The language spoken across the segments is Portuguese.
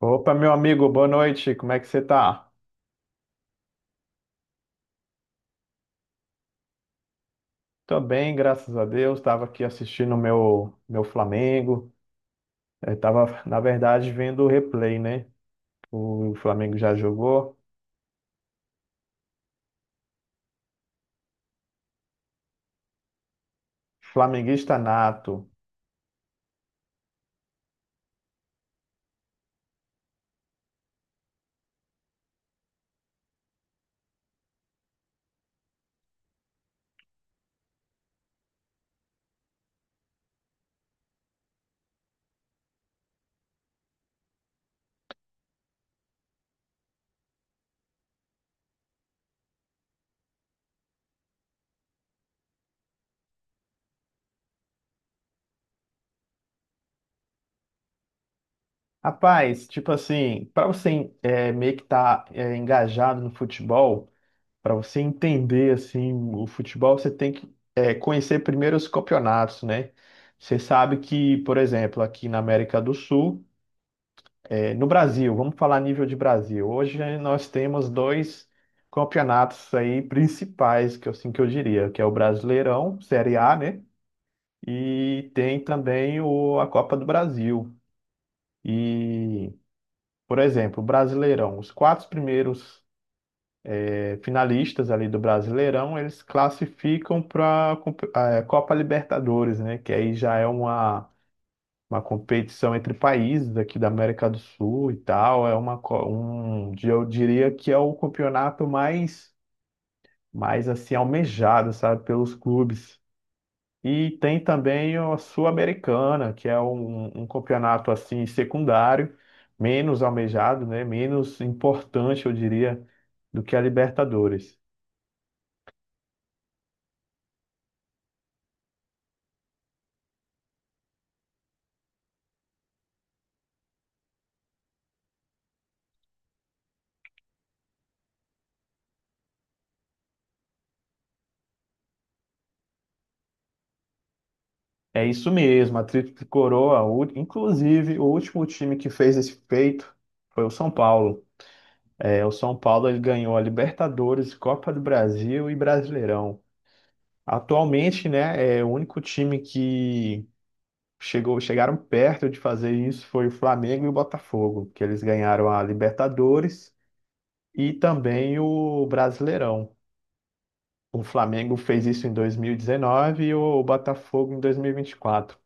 Opa, meu amigo, boa noite. Como é que você tá? Tô bem, graças a Deus. Tava aqui assistindo o meu Flamengo. Eu tava, na verdade, vendo o replay, né? O Flamengo já jogou. Flamenguista nato. Rapaz, tipo assim, para você meio que tá engajado no futebol, para você entender assim o futebol, você tem que conhecer primeiro os campeonatos, né? Você sabe que, por exemplo, aqui na América do Sul. No Brasil, vamos falar a nível de Brasil. Hoje nós temos dois campeonatos aí principais, que eu, assim que eu diria, que é o Brasileirão, Série A, né? E tem também a Copa do Brasil. E, por exemplo, o Brasileirão, os quatro primeiros finalistas ali do Brasileirão, eles classificam para a Copa Libertadores, né? Que aí já é uma competição entre países aqui da América do Sul e tal. É um, eu diria que é o campeonato mais assim almejado, sabe, pelos clubes. E tem também a Sul-Americana, que é um campeonato assim secundário, menos almejado, né, menos importante, eu diria, do que a Libertadores. É isso mesmo, a Tríplice Coroa. Inclusive o último time que fez esse feito foi o São Paulo. É, o São Paulo ele ganhou a Libertadores, Copa do Brasil e Brasileirão. Atualmente, né, é o único time que chegaram perto de fazer isso foi o Flamengo e o Botafogo, que eles ganharam a Libertadores e também o Brasileirão. O Flamengo fez isso em 2019 e dezenove e o Botafogo em 2024.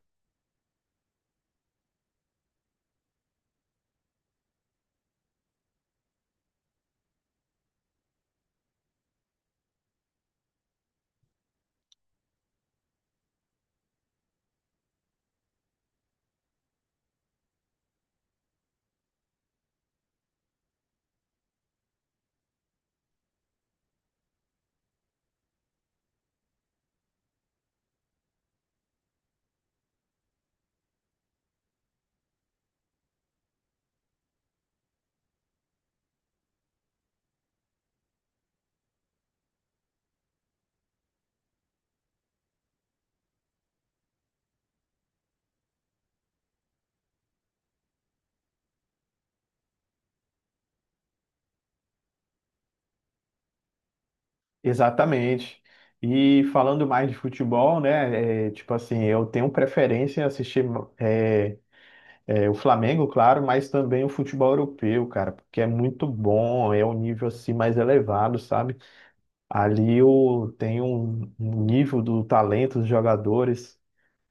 Exatamente. E falando mais de futebol, né, tipo assim, eu tenho preferência em assistir é, o Flamengo, claro, mas também o futebol europeu, cara, porque é muito bom, é um nível assim mais elevado, sabe? Ali eu tenho um nível do talento dos jogadores,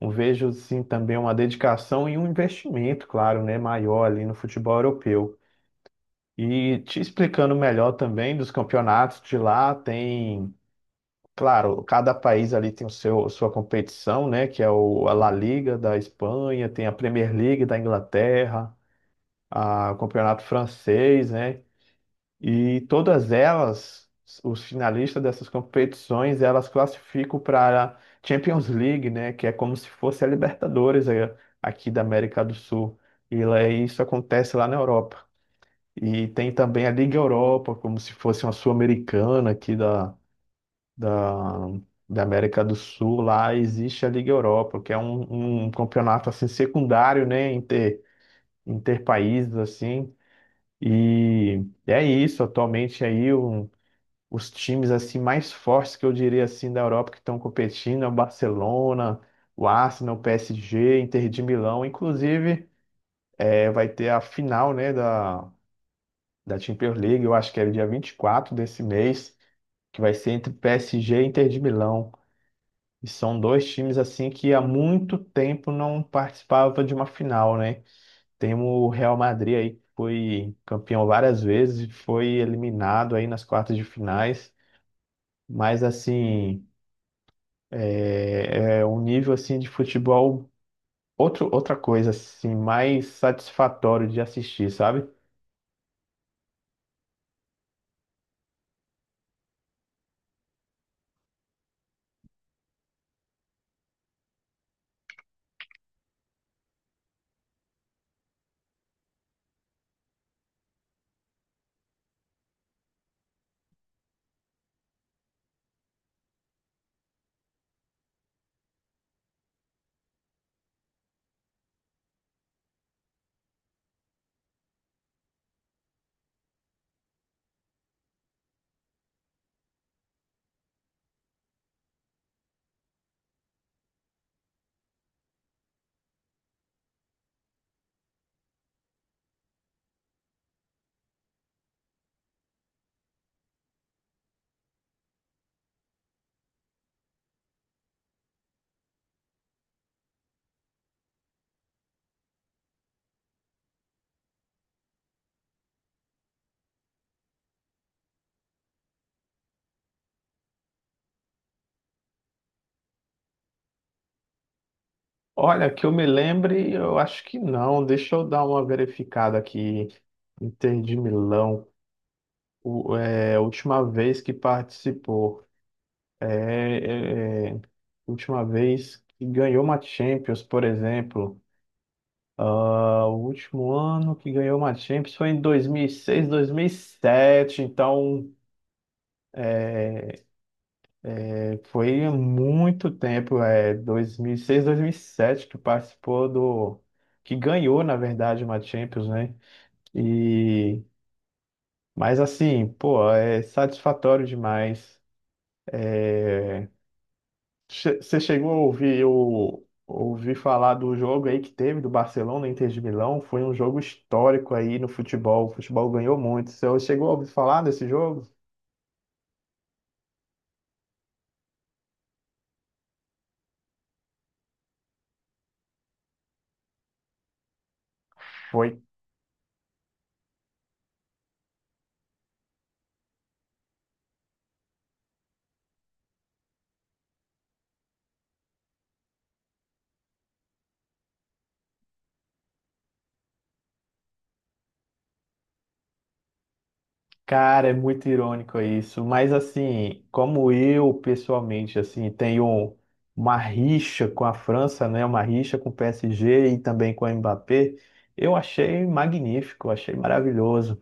eu vejo assim também uma dedicação e um investimento, claro, né, maior ali no futebol europeu. E te explicando melhor também dos campeonatos de lá, tem, claro, cada país ali tem o seu sua competição, né, que é a La Liga da Espanha, tem a Premier League da Inglaterra, o campeonato francês, né? E todas elas, os finalistas dessas competições, elas classificam para a Champions League, né? Que é como se fosse a Libertadores aqui da América do Sul. E isso acontece lá na Europa. E tem também a Liga Europa, como se fosse uma Sul-Americana aqui da, da América do Sul. Lá existe a Liga Europa, que é um campeonato assim secundário, né? Interpaíses assim e é isso, atualmente aí os times assim mais fortes que eu diria assim da Europa que estão competindo é o Barcelona, o Arsenal, o PSG, Inter de Milão, inclusive vai ter a final, né, da Champions League, eu acho que é dia 24 desse mês, que vai ser entre PSG e Inter de Milão. E são dois times assim que há muito tempo não participavam de uma final, né? Temos o Real Madrid aí, que foi campeão várias vezes, foi eliminado aí nas quartas de finais, mas assim, é um nível assim de futebol, outra coisa assim, mais satisfatório de assistir, sabe? Olha, que eu me lembre, eu acho que não, deixa eu dar uma verificada aqui, Inter de Milão, a última vez que participou, é, é, é, última vez que ganhou uma Champions, por exemplo, ah, o último ano que ganhou uma Champions foi em 2006, sete. Então foi muito tempo, 2006, sete, que participou do que ganhou, na verdade, uma Champions, né? E mas assim, pô, é satisfatório demais. Você chegou a ouvir o ouvir falar do jogo aí que teve do Barcelona e Inter de Milão? Foi um jogo histórico aí no futebol. O futebol ganhou muito. Você chegou a ouvir falar desse jogo? Foi Cara, é muito irônico isso, mas assim, como eu pessoalmente assim tenho uma rixa com a França, né, uma rixa com o PSG e também com o Mbappé, eu achei magnífico, achei maravilhoso.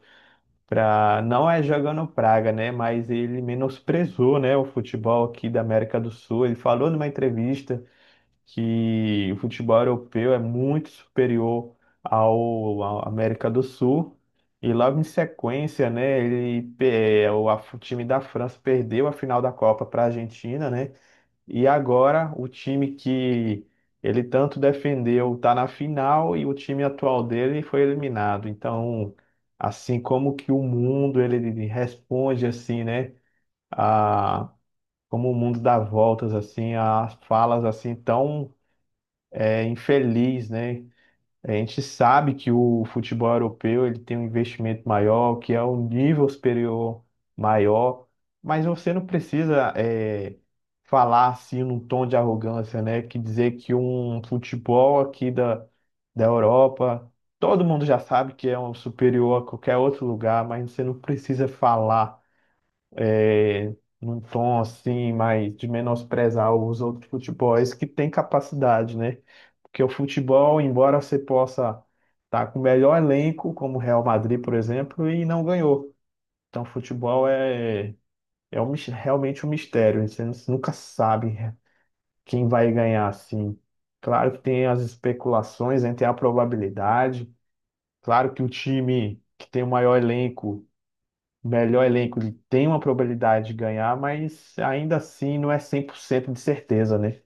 Não é jogando praga, né, mas ele menosprezou, né, o futebol aqui da América do Sul. Ele falou numa entrevista que o futebol europeu é muito superior à América do Sul. E logo em sequência, né, ele, o time da França perdeu a final da Copa para a Argentina, né? E agora o time que ele tanto defendeu está na final e o time atual dele foi eliminado. Então, assim como que o mundo ele responde assim, né? A, Como o mundo dá voltas assim, as falas assim tão infeliz, né? A gente sabe que o futebol europeu ele tem um investimento maior, que é um nível superior maior, mas você não precisa falar assim num tom de arrogância, né? Que dizer que um futebol aqui da Europa, todo mundo já sabe que é um superior a qualquer outro lugar, mas você não precisa falar é, num tom assim, mais de menosprezar os outros futebols que têm capacidade, né? Porque o futebol, embora você possa estar com o melhor elenco, como o Real Madrid, por exemplo, e não ganhou. Então, futebol é um realmente um mistério. Né? Você nunca sabe quem vai ganhar, assim. Claro que tem as especulações, né? Tem a probabilidade. Claro que o time que tem o maior elenco melhor elenco, ele tem uma probabilidade de ganhar, mas ainda assim não é 100% de certeza, né?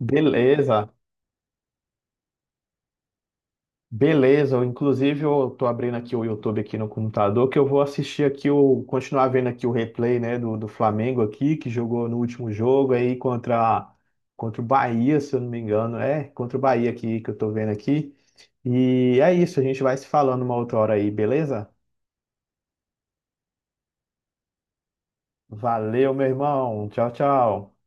Beleza, beleza. Inclusive, eu tô abrindo aqui o YouTube aqui no computador, que eu vou assistir aqui continuar vendo aqui o replay, né, do Flamengo aqui, que jogou no último jogo aí contra o Bahia, se eu não me engano. É, contra o Bahia aqui que eu tô vendo aqui. E é isso, a gente vai se falando uma outra hora aí, beleza? Valeu, meu irmão. Tchau, tchau.